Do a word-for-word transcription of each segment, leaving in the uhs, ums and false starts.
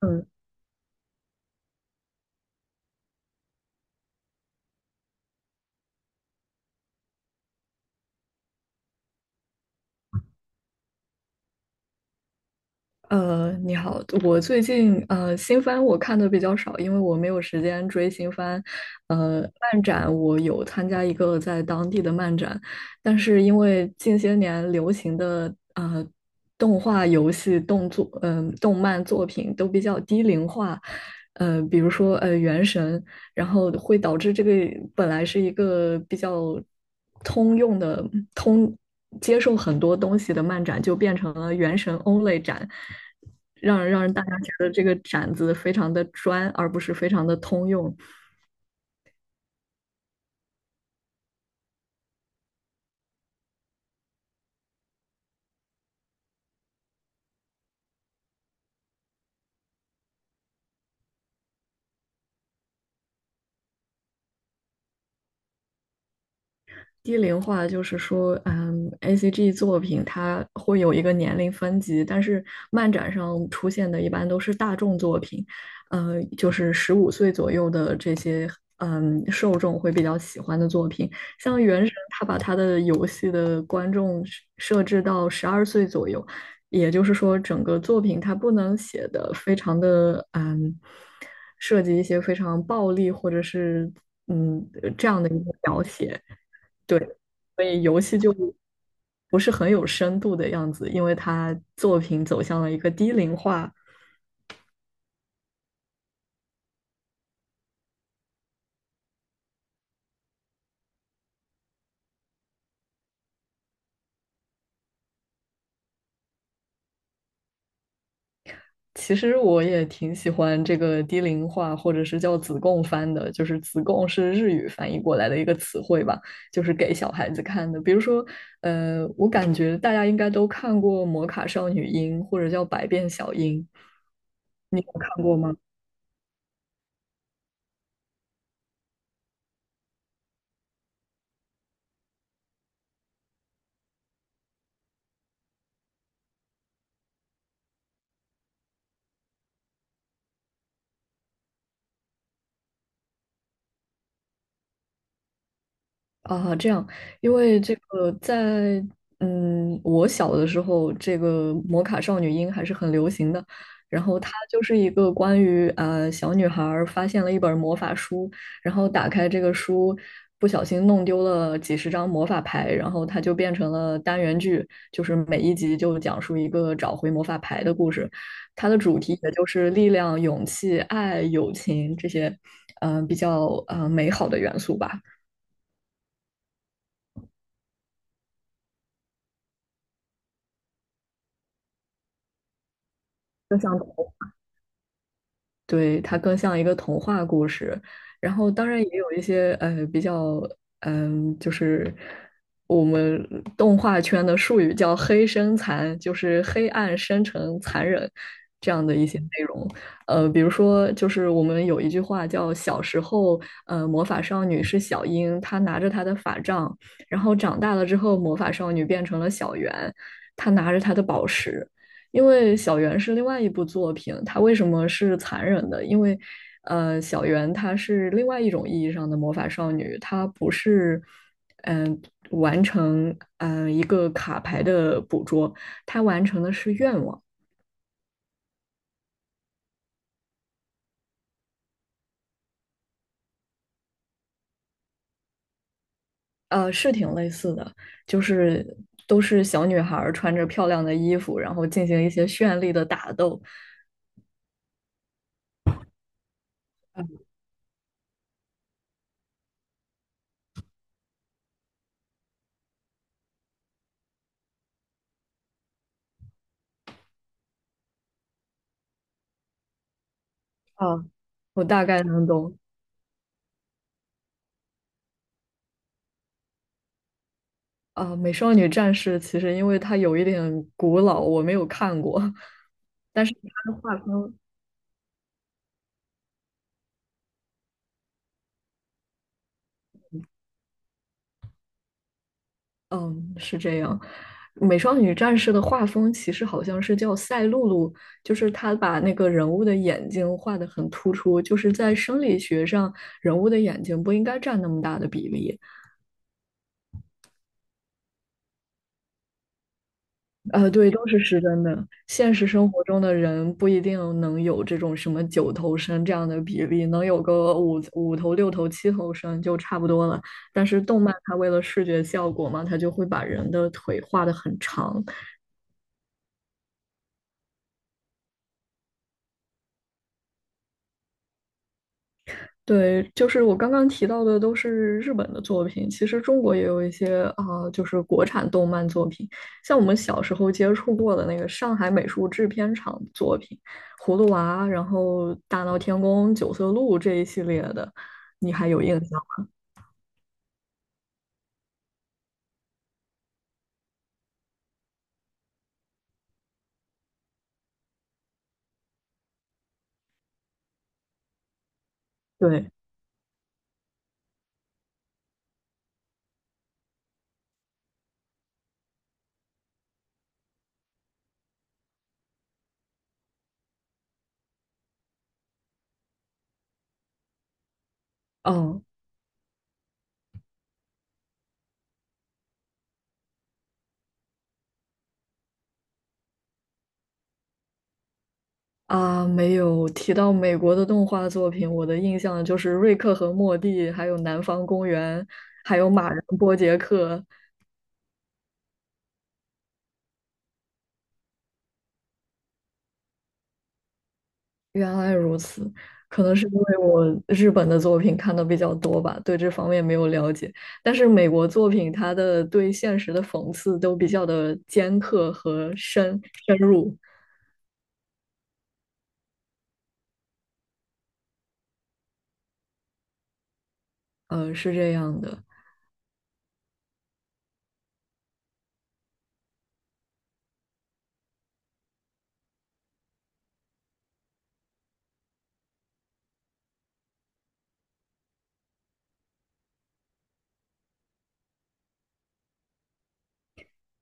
嗯，呃，你好，我最近呃新番我看的比较少，因为我没有时间追新番。呃，漫展我有参加一个在当地的漫展，但是因为近些年流行的呃动画、游戏、动作嗯、动漫作品都比较低龄化，呃，比如说呃《原神》。然后会导致这个本来是一个比较通用的、通接受很多东西的漫展，就变成了原神 only 展，让让大家觉得这个展子非常的专，而不是非常的通用。低龄化就是说，嗯，A C G 作品它会有一个年龄分级，但是漫展上出现的一般都是大众作品，呃，就是十五岁左右的这些，嗯，受众会比较喜欢的作品。像《原神》，它把它的游戏的观众设设置到十二岁左右，也就是说，整个作品它不能写的非常的，嗯，涉及一些非常暴力或者是，嗯，这样的一个描写。所以游戏就不是很有深度的样子，因为它作品走向了一个低龄化。其实我也挺喜欢这个低龄化，或者是叫子贡番的，就是子贡是日语翻译过来的一个词汇吧，就是给小孩子看的。比如说，呃，我感觉大家应该都看过《魔卡少女樱》或者叫《百变小樱》，你有看过吗？啊，这样，因为这个在嗯，我小的时候，这个摩卡少女樱还是很流行的。然后它就是一个关于呃小女孩儿发现了一本魔法书，然后打开这个书，不小心弄丢了几十张魔法牌，然后它就变成了单元剧，就是每一集就讲述一个找回魔法牌的故事。它的主题也就是力量、勇气、爱、友情这些，嗯、比较呃美好的元素吧。就像童对，它更像一个童话故事。然后当然也有一些呃比较嗯、就是我们动画圈的术语叫"黑深残"，就是黑暗、深沉、残忍这样的一些内容。呃，比如说就是我们有一句话叫"小时候，呃，魔法少女是小樱，她拿着她的法杖，然后长大了之后，魔法少女变成了小圆，她拿着她的宝石。"因为小圆是另外一部作品，它为什么是残忍的？因为，呃，小圆她是另外一种意义上的魔法少女，她不是，嗯、呃完成嗯、呃一个卡牌的捕捉，她完成的是愿望，呃，是挺类似的，就是都是小女孩穿着漂亮的衣服，然后进行一些绚丽的打斗，啊，我大概能懂啊，美少女战士》其实因为它有一点古老，我没有看过，但是它的画风，嗯，是这样。美少女战士的画风其实好像是叫赛璐璐，就是她把那个人物的眼睛画得很突出，就是在生理学上，人物的眼睛不应该占那么大的比例。呃，对，都是失真的。现实生活中的人不一定能有这种什么九头身这样的比例，能有个五五头、六头、七头身就差不多了。但是动漫它为了视觉效果嘛，它就会把人的腿画得很长。对，就是我刚刚提到的都是日本的作品，其实中国也有一些啊、呃就是国产动漫作品，像我们小时候接触过的那个上海美术制片厂的作品，《葫芦娃》，然后《大闹天宫》《九色鹿》这一系列的，你还有印象？对，哦啊，没有提到美国的动画作品，我的印象就是《瑞克和莫蒂》，还有《南方公园》，还有《马人波杰克》原来如此，可能是因为我日本的作品看的比较多吧，对这方面没有了解。但是美国作品，它的对现实的讽刺都比较的尖刻和深深入，呃，是这样的。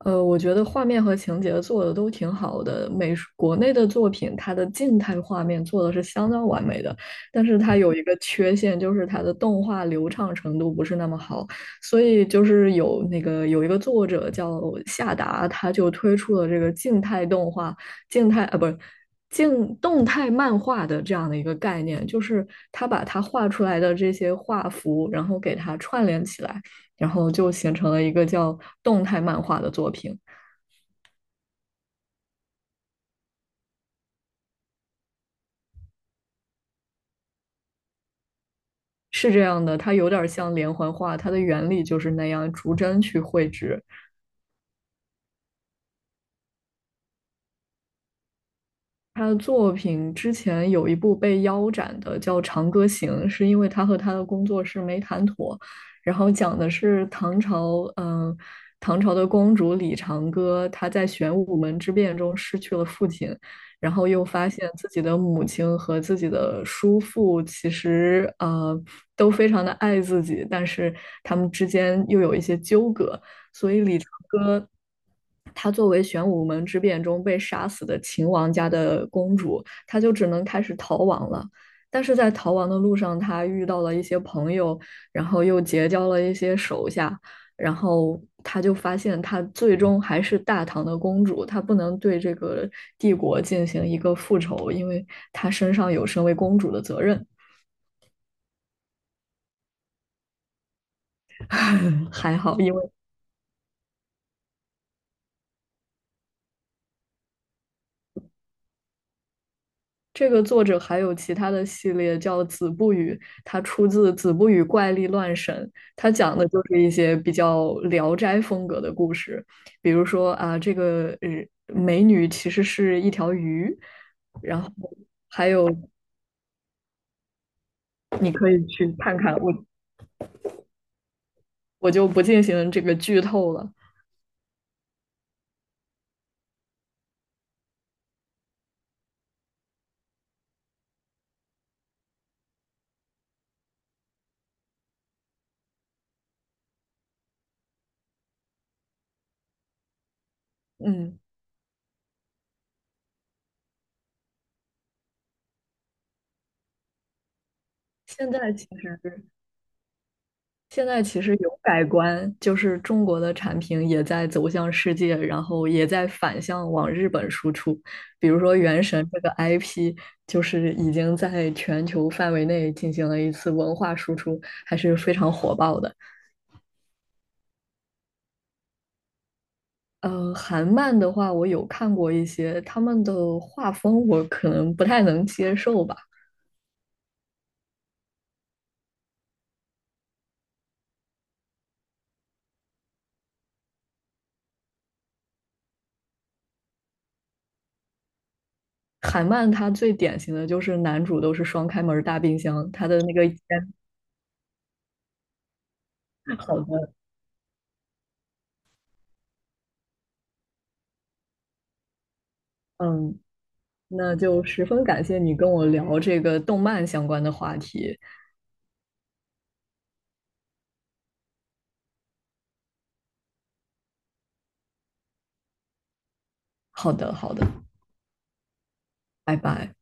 呃，我觉得画面和情节做的都挺好的。美术国内的作品，它的静态画面做的是相当完美的，但是它有一个缺陷，就是它的动画流畅程度不是那么好。所以就是有那个有一个作者叫夏达，他就推出了这个静态动画、静态啊，不是。静动态漫画的这样的一个概念，就是他把他画出来的这些画幅，然后给它串联起来。然后就形成了一个叫动态漫画的作品。是这样的，它有点像连环画，它的原理就是那样，逐帧去绘制，他的作品之前有一部被腰斩的，叫《长歌行》，是因为他和他的工作室没谈妥，然后讲的是唐朝，嗯、唐朝的公主李长歌，她在玄武门之变中失去了父亲，然后又发现自己的母亲和自己的叔父其实呃都非常的爱自己，但是他们之间又有一些纠葛。所以李长歌，她作为玄武门之变中被杀死的秦王家的公主，她就只能开始逃亡了。但是在逃亡的路上，她遇到了一些朋友，然后又结交了一些手下，然后她就发现，她最终还是大唐的公主，她不能对这个帝国进行一个复仇，因为她身上有身为公主的责任。还好，因为这个作者还有其他的系列叫《子不语》，它出自《子不语怪力乱神》，它讲的就是一些比较《聊斋》风格的故事，比如说啊，这个呃美女其实是一条鱼，然后还有你可以去看看，我我就不进行这个剧透了。嗯，现在其实现在其实有改观，就是中国的产品也在走向世界，然后也在反向往日本输出。比如说《原神》这个 I P,就是已经在全球范围内进行了一次文化输出，还是非常火爆的。呃，韩漫的话，我有看过一些，他们的画风我可能不太能接受吧。韩漫它最典型的就是男主都是双开门大冰箱，他的那个烟好的，嗯，那就十分感谢你跟我聊这个动漫相关的话题。好的，好的，拜拜。